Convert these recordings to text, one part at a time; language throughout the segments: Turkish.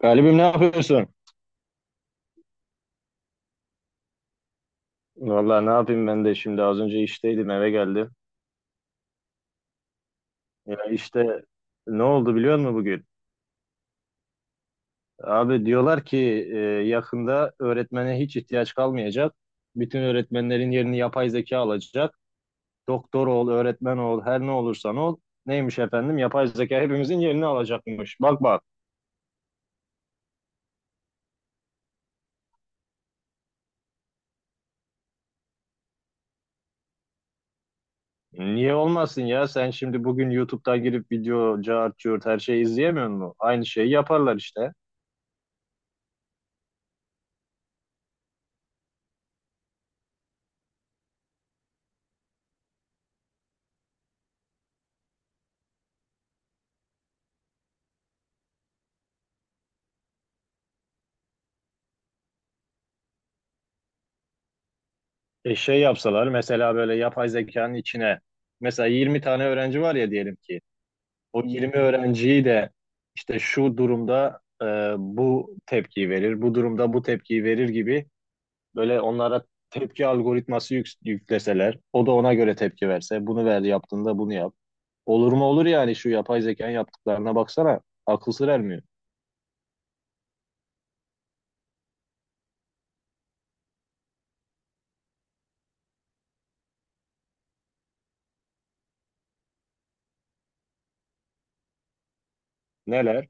Galibim, ne yapıyorsun? Vallahi ne yapayım, ben de şimdi az önce işteydim, eve geldim. Ya işte, ne oldu biliyor musun bugün? Abi diyorlar ki e, yakında öğretmene hiç ihtiyaç kalmayacak. Bütün öğretmenlerin yerini yapay zeka alacak. Doktor ol, öğretmen ol, her ne olursan ol. Neymiş efendim? Yapay zeka hepimizin yerini alacakmış. Bak bak. Niye olmasın ya? Sen şimdi bugün YouTube'dan girip video, cart, curt her şeyi izleyemiyor musun? Aynı şeyi yaparlar işte. E şey yapsalar mesela, böyle yapay zekanın içine, mesela 20 tane öğrenci var ya, diyelim ki o 20 öğrenciyi de işte şu durumda bu tepkiyi verir, bu durumda bu tepkiyi verir gibi, böyle onlara tepki algoritması yükleseler, o da ona göre tepki verse, bunu ver yaptığında bunu yap. Olur mu olur yani, şu yapay zekanın yaptıklarına baksana, akıl sır ermiyor. Neler?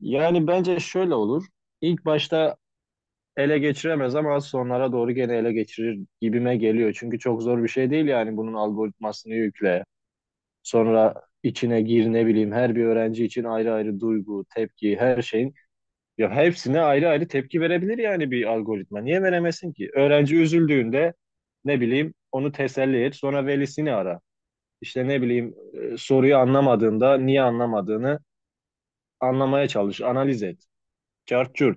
Yani bence şöyle olur. İlk başta ele geçiremez ama az sonlara doğru gene ele geçirir gibime geliyor. Çünkü çok zor bir şey değil yani, bunun algoritmasını yükle. Sonra içine gir, ne bileyim, her bir öğrenci için ayrı ayrı duygu, tepki, her şeyin, ya hepsine ayrı ayrı tepki verebilir yani bir algoritma. Niye veremesin ki? Öğrenci üzüldüğünde, ne bileyim, onu teselli et, sonra velisini ara. İşte ne bileyim, soruyu anlamadığında niye anlamadığını anlamaya çalış, analiz et. Çarçur.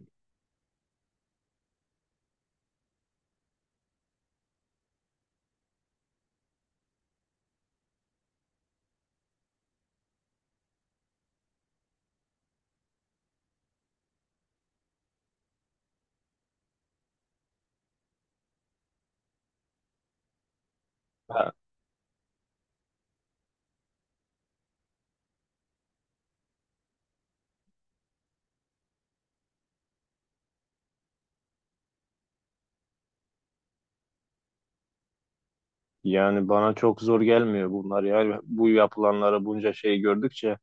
Yani bana çok zor gelmiyor bunlar ya. Bu yapılanlara, bunca şey gördükçe.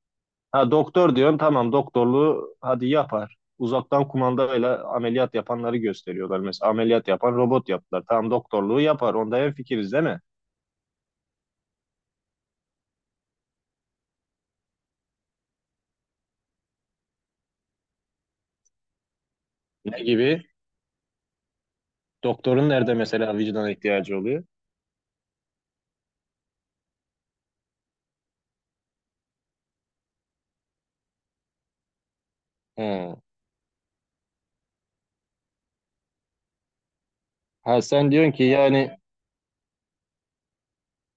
Ha, doktor diyorsun, tamam, doktorluğu hadi yapar. Uzaktan kumandayla ameliyat yapanları gösteriyorlar. Mesela ameliyat yapan robot yaptılar. Tamam, doktorluğu yapar. Onda hemfikiriz, değil mi? Ne gibi? Doktorun nerede mesela vicdan ihtiyacı oluyor? He. Ha, sen diyorsun ki yani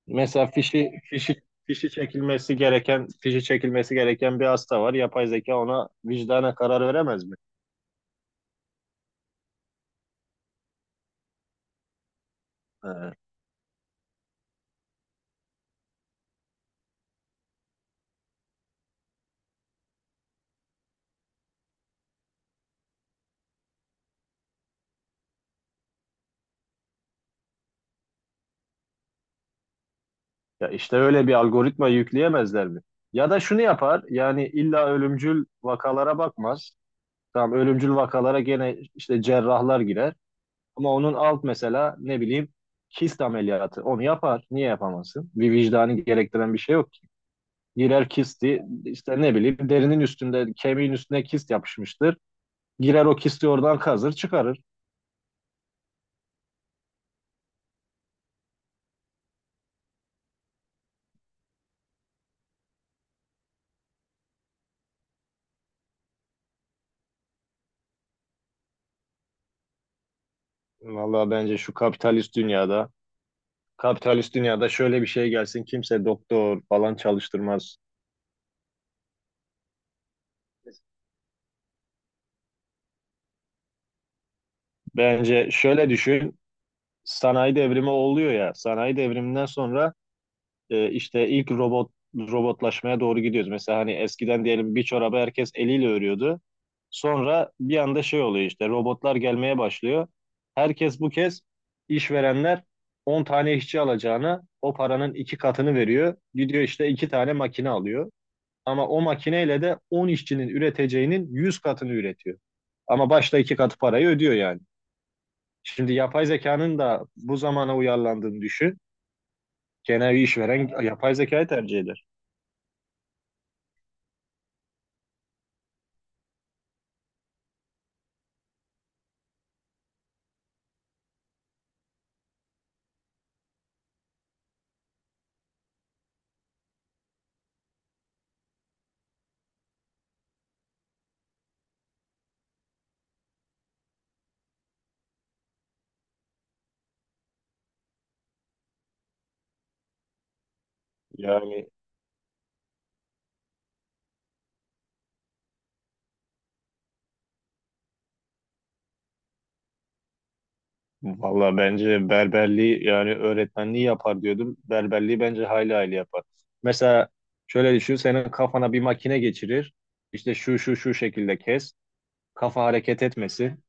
mesela fişi fişi çekilmesi gereken bir hasta var. Yapay zeka ona vicdana karar veremez mi? He. Ya işte öyle bir algoritma yükleyemezler mi? Ya da şunu yapar yani, illa ölümcül vakalara bakmaz. Tamam, ölümcül vakalara gene işte cerrahlar girer. Ama onun alt, mesela ne bileyim, kist ameliyatı. Onu yapar. Niye yapamazsın? Bir vicdanı gerektiren bir şey yok ki. Girer kisti, işte ne bileyim, derinin üstünde, kemiğin üstüne kist yapışmıştır. Girer o kisti oradan kazır, çıkarır. Vallahi bence şu kapitalist dünyada, şöyle bir şey gelsin, kimse doktor falan çalıştırmaz. Bence şöyle düşün, sanayi devrimi oluyor ya, sanayi devriminden sonra, işte ilk robotlaşmaya doğru gidiyoruz. Mesela hani eskiden diyelim bir çorabı herkes eliyle örüyordu. Sonra bir anda şey oluyor, işte robotlar gelmeye başlıyor. Herkes bu kez, işverenler, 10 tane işçi alacağına o paranın iki katını veriyor. Gidiyor işte iki tane makine alıyor. Ama o makineyle de 10 işçinin üreteceğinin 100 katını üretiyor. Ama başta iki katı parayı ödüyor yani. Şimdi yapay zekanın da bu zamana uyarlandığını düşün. Genel bir işveren yapay zekayı tercih eder. Yani valla bence berberliği, yani öğretmenliği yapar diyordum. Berberliği bence hayli hayli yapar. Mesela şöyle düşün, senin kafana bir makine geçirir. İşte şu şu şu şekilde kes. Kafa hareket etmesin.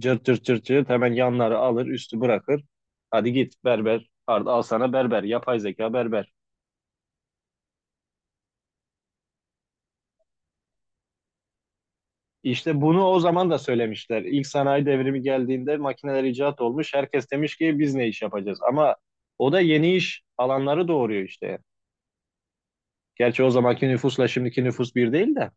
Cırt cırt cırt cırt hemen yanları alır, üstü bırakır. Hadi git berber. Al al sana berber. Yapay zeka berber. İşte bunu o zaman da söylemişler. İlk sanayi devrimi geldiğinde makineler icat olmuş. Herkes demiş ki biz ne iş yapacağız? Ama o da yeni iş alanları doğuruyor işte. Gerçi o zamanki nüfusla şimdiki nüfus bir değil de.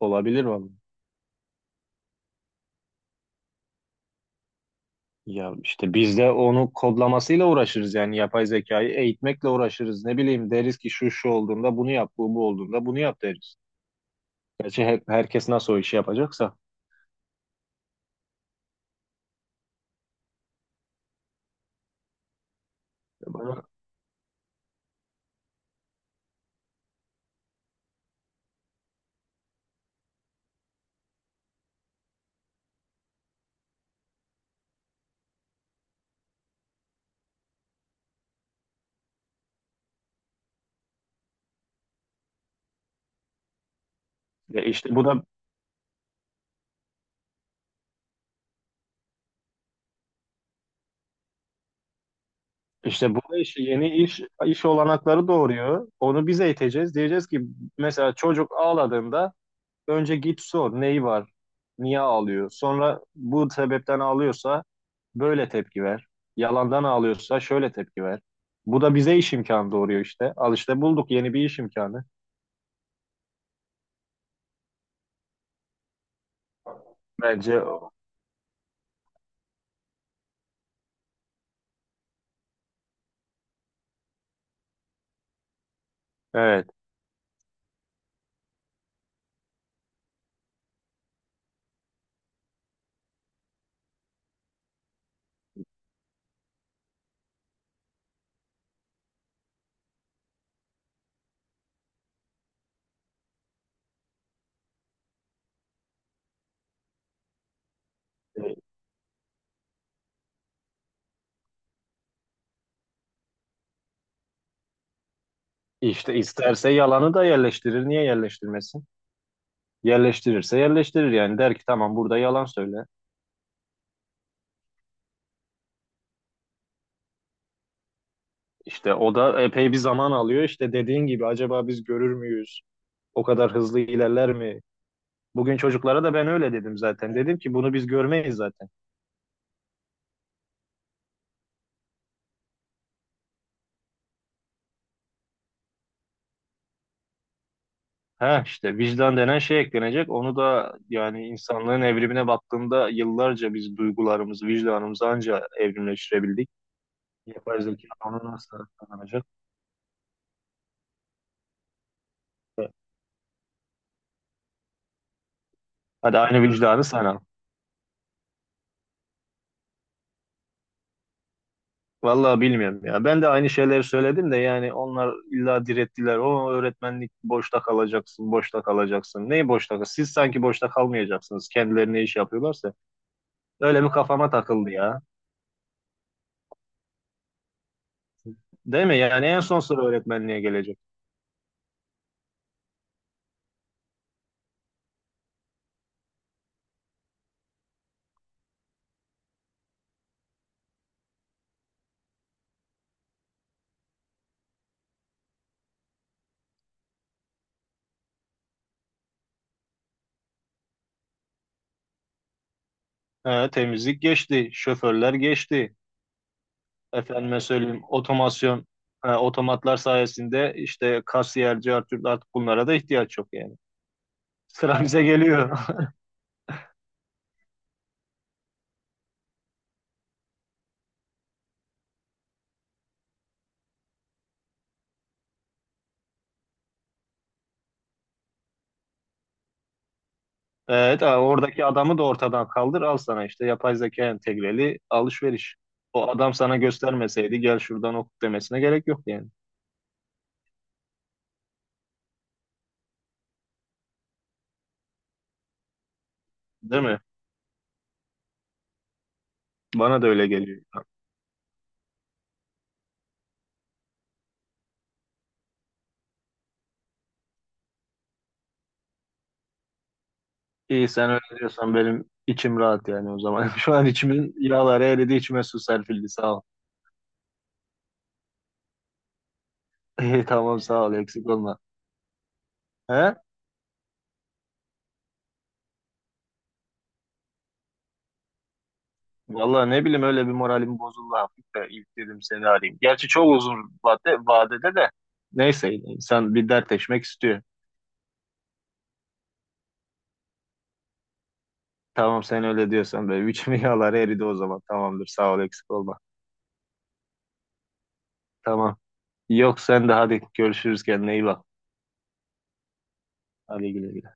Olabilir vallahi. Ya işte biz de onu kodlamasıyla uğraşırız yani, yapay zekayı eğitmekle uğraşırız. Ne bileyim, deriz ki şu şu olduğunda bunu yap, bu bu olduğunda bunu yap deriz. Gerçi hep herkes nasıl o işi yapacaksa. Ya bana, ya işte bu da İşte bu da işte yeni iş olanakları doğuruyor. Onu biz eğiteceğiz. Diyeceğiz ki mesela çocuk ağladığında önce git sor neyi var, niye ağlıyor. Sonra bu sebepten ağlıyorsa böyle tepki ver. Yalandan ağlıyorsa şöyle tepki ver. Bu da bize iş imkanı doğuruyor işte. Al işte, bulduk yeni bir iş imkanı. Bence o. Evet. E, İşte isterse yalanı da yerleştirir. Niye yerleştirmesin? Yerleştirirse yerleştirir yani. Der ki tamam, burada yalan söyle. İşte o da epey bir zaman alıyor. İşte dediğin gibi, acaba biz görür müyüz? O kadar hızlı ilerler mi? Bugün çocuklara da ben öyle dedim zaten. Dedim ki bunu biz görmeyiz zaten. Ha işte, vicdan denen şey eklenecek. Onu da yani, insanlığın evrimine baktığında, yıllarca biz duygularımızı, vicdanımızı anca evrimleştirebildik. Yapay zeka onu nasıl tanımlayacak? Hadi aynı vicdanı sana. Vallahi bilmiyorum ya. Ben de aynı şeyleri söyledim de yani onlar illa direttiler. O öğretmenlik boşta kalacaksın, boşta kalacaksın. Neyi boşta kal? Siz sanki boşta kalmayacaksınız. Kendileri ne iş yapıyorlarsa. Öyle bir kafama takıldı ya. Değil mi? Yani en son sıra öğretmenliğe gelecek. He, temizlik geçti, şoförler geçti. Efendime söyleyeyim, otomasyon, he, otomatlar sayesinde işte kasiyer, cartürt, artık bunlara da ihtiyaç yok yani. Sıra bize geliyor. Evet, abi, oradaki adamı da ortadan kaldır, al sana işte yapay zeka entegreli alışveriş. O adam sana göstermeseydi gel şuradan oku demesine gerek yok yani. Değil mi? Bana da öyle geliyor. İyi, sen öyle diyorsan benim içim rahat yani o zaman. Şu an içimin yağları eridi, içime su serpildi, sağ ol. İyi, tamam, sağ ol, eksik olma. He? Vallahi ne bileyim, öyle bir moralim bozuldu hafif de, ilk dedim seni arayayım. Gerçi çok uzun vadede de, neyse, insan bir dertleşmek istiyor. Tamam, sen öyle diyorsan da üç yağlar eridi o zaman. Tamamdır, sağ ol, eksik olma. Tamam. Yok, sen de hadi, görüşürüz, kendine iyi bak. Hadi güle güle.